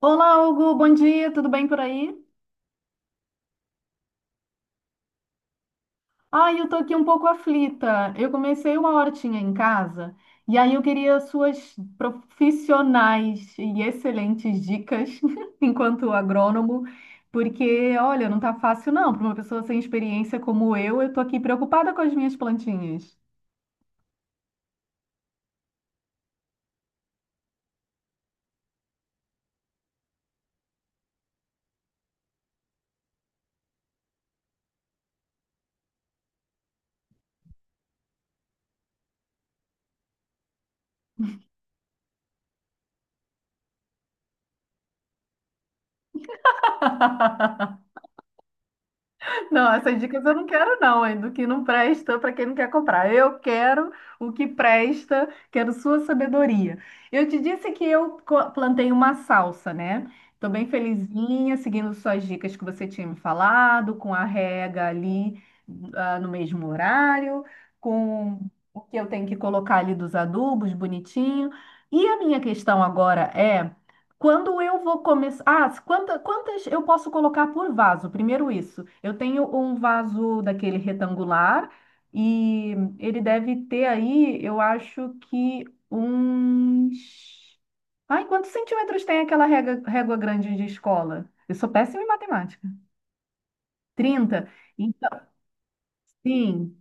Olá, Hugo, bom dia, tudo bem por aí? Ai, eu tô aqui um pouco aflita. Eu comecei uma hortinha em casa e aí eu queria suas profissionais e excelentes dicas enquanto agrônomo, porque olha, não tá fácil não, para uma pessoa sem experiência como eu tô aqui preocupada com as minhas plantinhas. Não, essas dicas eu não quero, não, hein? Do que não presta para quem não quer comprar. Eu quero o que presta, quero sua sabedoria. Eu te disse que eu plantei uma salsa, né? Estou bem felizinha, seguindo suas dicas que você tinha me falado, com a rega ali, ah, no mesmo horário, com o que eu tenho que colocar ali dos adubos bonitinho. E a minha questão agora é... Quando eu vou começar... Ah, quantas eu posso colocar por vaso? Primeiro, isso. Eu tenho um vaso daquele retangular e ele deve ter aí, eu acho que uns... Ai, quantos centímetros tem aquela régua, régua grande de escola? Eu sou péssima em matemática. 30. Então, sim,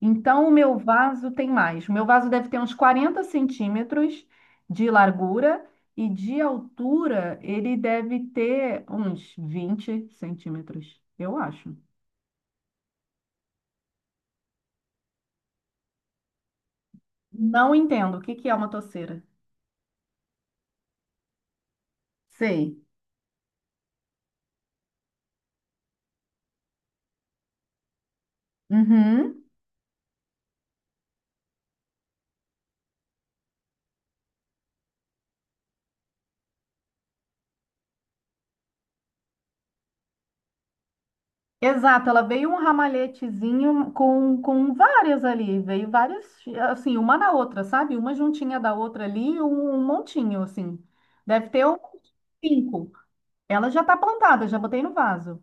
então, o meu vaso tem mais. O meu vaso deve ter uns 40 centímetros de largura e de altura ele deve ter uns 20 centímetros, eu acho. Não entendo. O que que é uma toceira? Sei. Uhum. Exato, ela veio um ramalhetezinho com várias ali, veio várias, assim, uma na outra, sabe? Uma juntinha da outra ali, um montinho, assim. Deve ter uns cinco. Ela já tá plantada, já botei no vaso.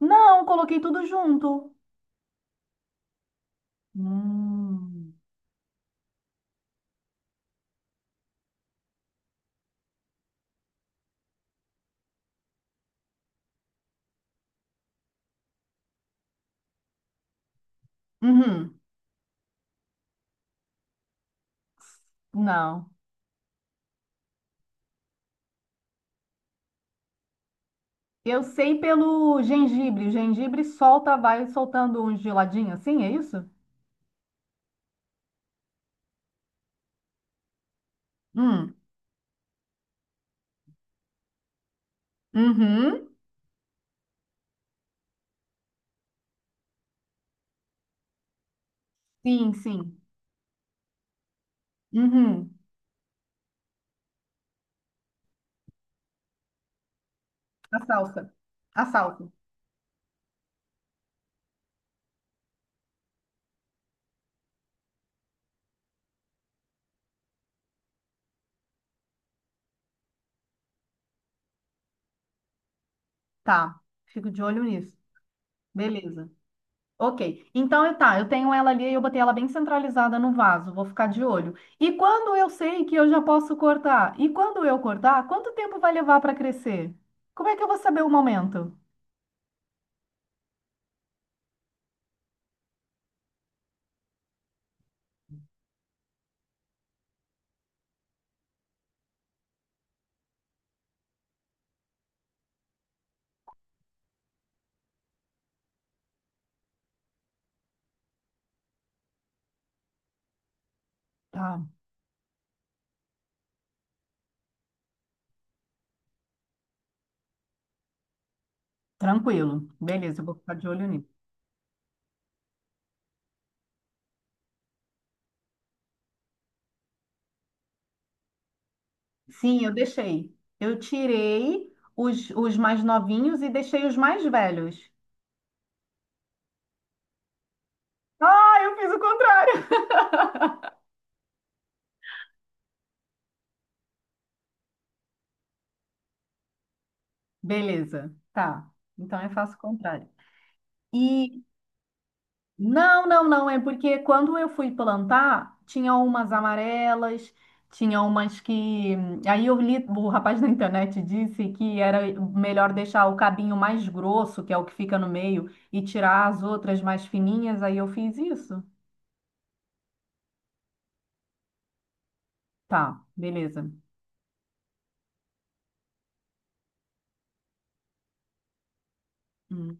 Não, coloquei tudo junto. Hum. Uhum, não. Eu sei pelo gengibre. O gengibre solta, vai soltando um geladinho assim, é isso? Hum. Uhum. Sim, sim. Uhum. A salsa. A salsa. Tá. Fico de olho nisso. Beleza. Ok. Então, é, tá, eu tenho ela ali e eu botei ela bem centralizada no vaso, vou ficar de olho. E quando eu sei que eu já posso cortar? E quando eu cortar, quanto tempo vai levar para crescer? Como é que eu vou saber o momento? Tá, tranquilo. Beleza, eu vou ficar de olho nisso. Sim, eu deixei. Eu tirei os mais novinhos e deixei os mais velhos. Ah, eu fiz o contrário. Beleza, tá. Então eu faço o contrário. E Não, não, não. É porque quando eu fui plantar, tinha umas amarelas, tinha umas que... Aí eu li, o rapaz na internet disse que era melhor deixar o cabinho mais grosso, que é o que fica no meio, e tirar as outras mais fininhas. Aí eu fiz isso. Tá, beleza. Hum.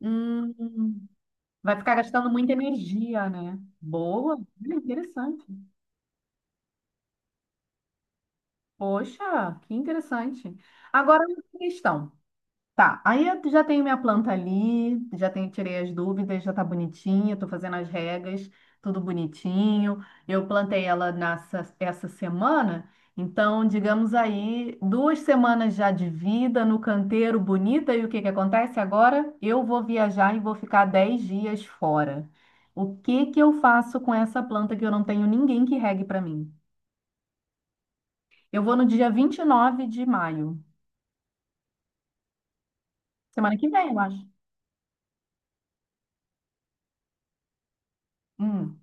Hum, vai ficar gastando muita energia, né? Boa. Olha, interessante. Poxa, que interessante. Agora, uma questão. Tá, aí eu já tenho minha planta ali, já tenho, tirei as dúvidas, já tá bonitinha, tô fazendo as regas, tudo bonitinho. Eu plantei ela essa semana, então, digamos aí, 2 semanas já de vida no canteiro bonita, e o que que acontece agora? Eu vou viajar e vou ficar 10 dias fora. O que que eu faço com essa planta que eu não tenho ninguém que regue pra mim? Eu vou no dia 29 de maio, semana que vem, eu acho. Hum,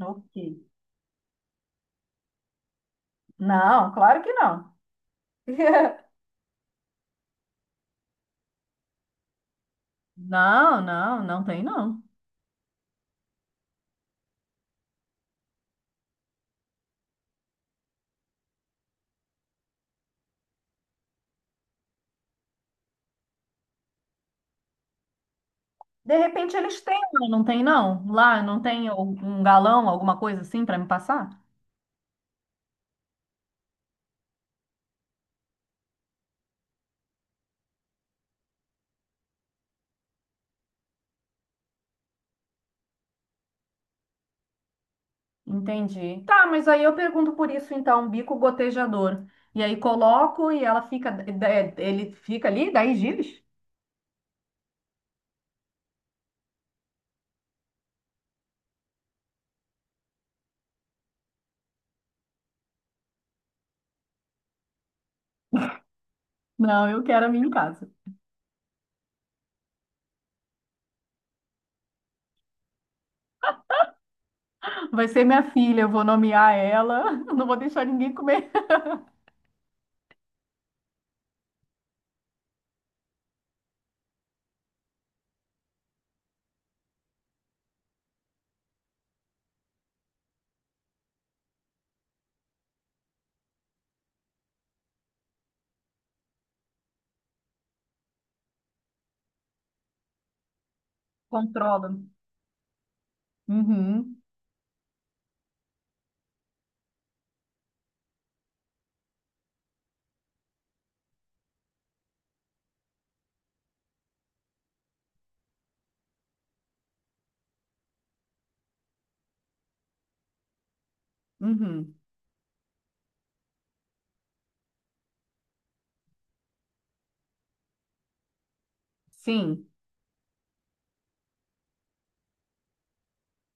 ok. Não, claro que não. Não, não, não tem não. De repente eles têm, lá, não tem não? Lá não tem um galão, alguma coisa assim para me passar? Entendi. Tá, mas aí eu pergunto por isso então, bico gotejador. E aí coloco e ela fica, ele fica ali 10 dias? Não, eu quero a minha em casa. Vai ser minha filha, eu vou nomear ela, não vou deixar ninguém comer. Controla. Uhum, uhum. Sim,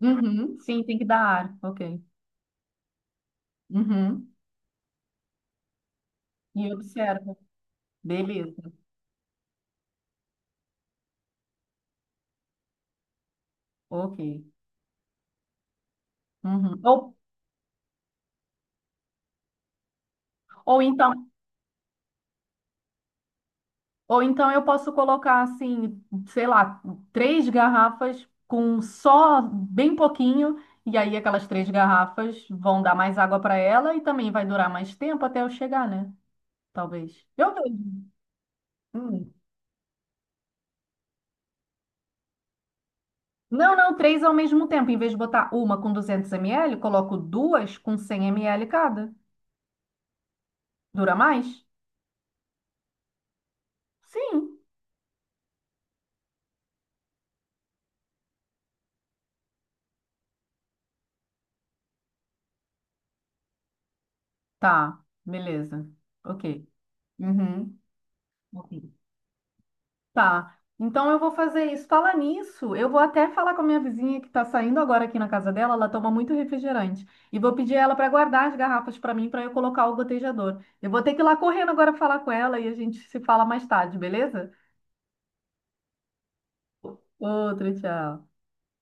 uhum, sim, tem que dar ar. Ok. Uhum. E observa. Beleza. Ok. Uhum. Ou então, ou então eu posso colocar assim, sei lá, três garrafas com só bem pouquinho, e aí aquelas três garrafas vão dar mais água para ela e também vai durar mais tempo até eu chegar, né? Talvez. Eu vejo. Hum. Não, não, três ao mesmo tempo. Em vez de botar uma com 200 ml, coloco duas com 100 ml cada. Dura mais? Sim. Tá, beleza. Ok. Uhum. Ok. Tá. Então eu vou fazer isso. Falar nisso, eu vou até falar com a minha vizinha que tá saindo agora aqui na casa dela, ela toma muito refrigerante. E vou pedir ela para guardar as garrafas para mim para eu colocar o gotejador. Eu vou ter que ir lá correndo agora falar com ela e a gente se fala mais tarde, beleza? Outro, tchau.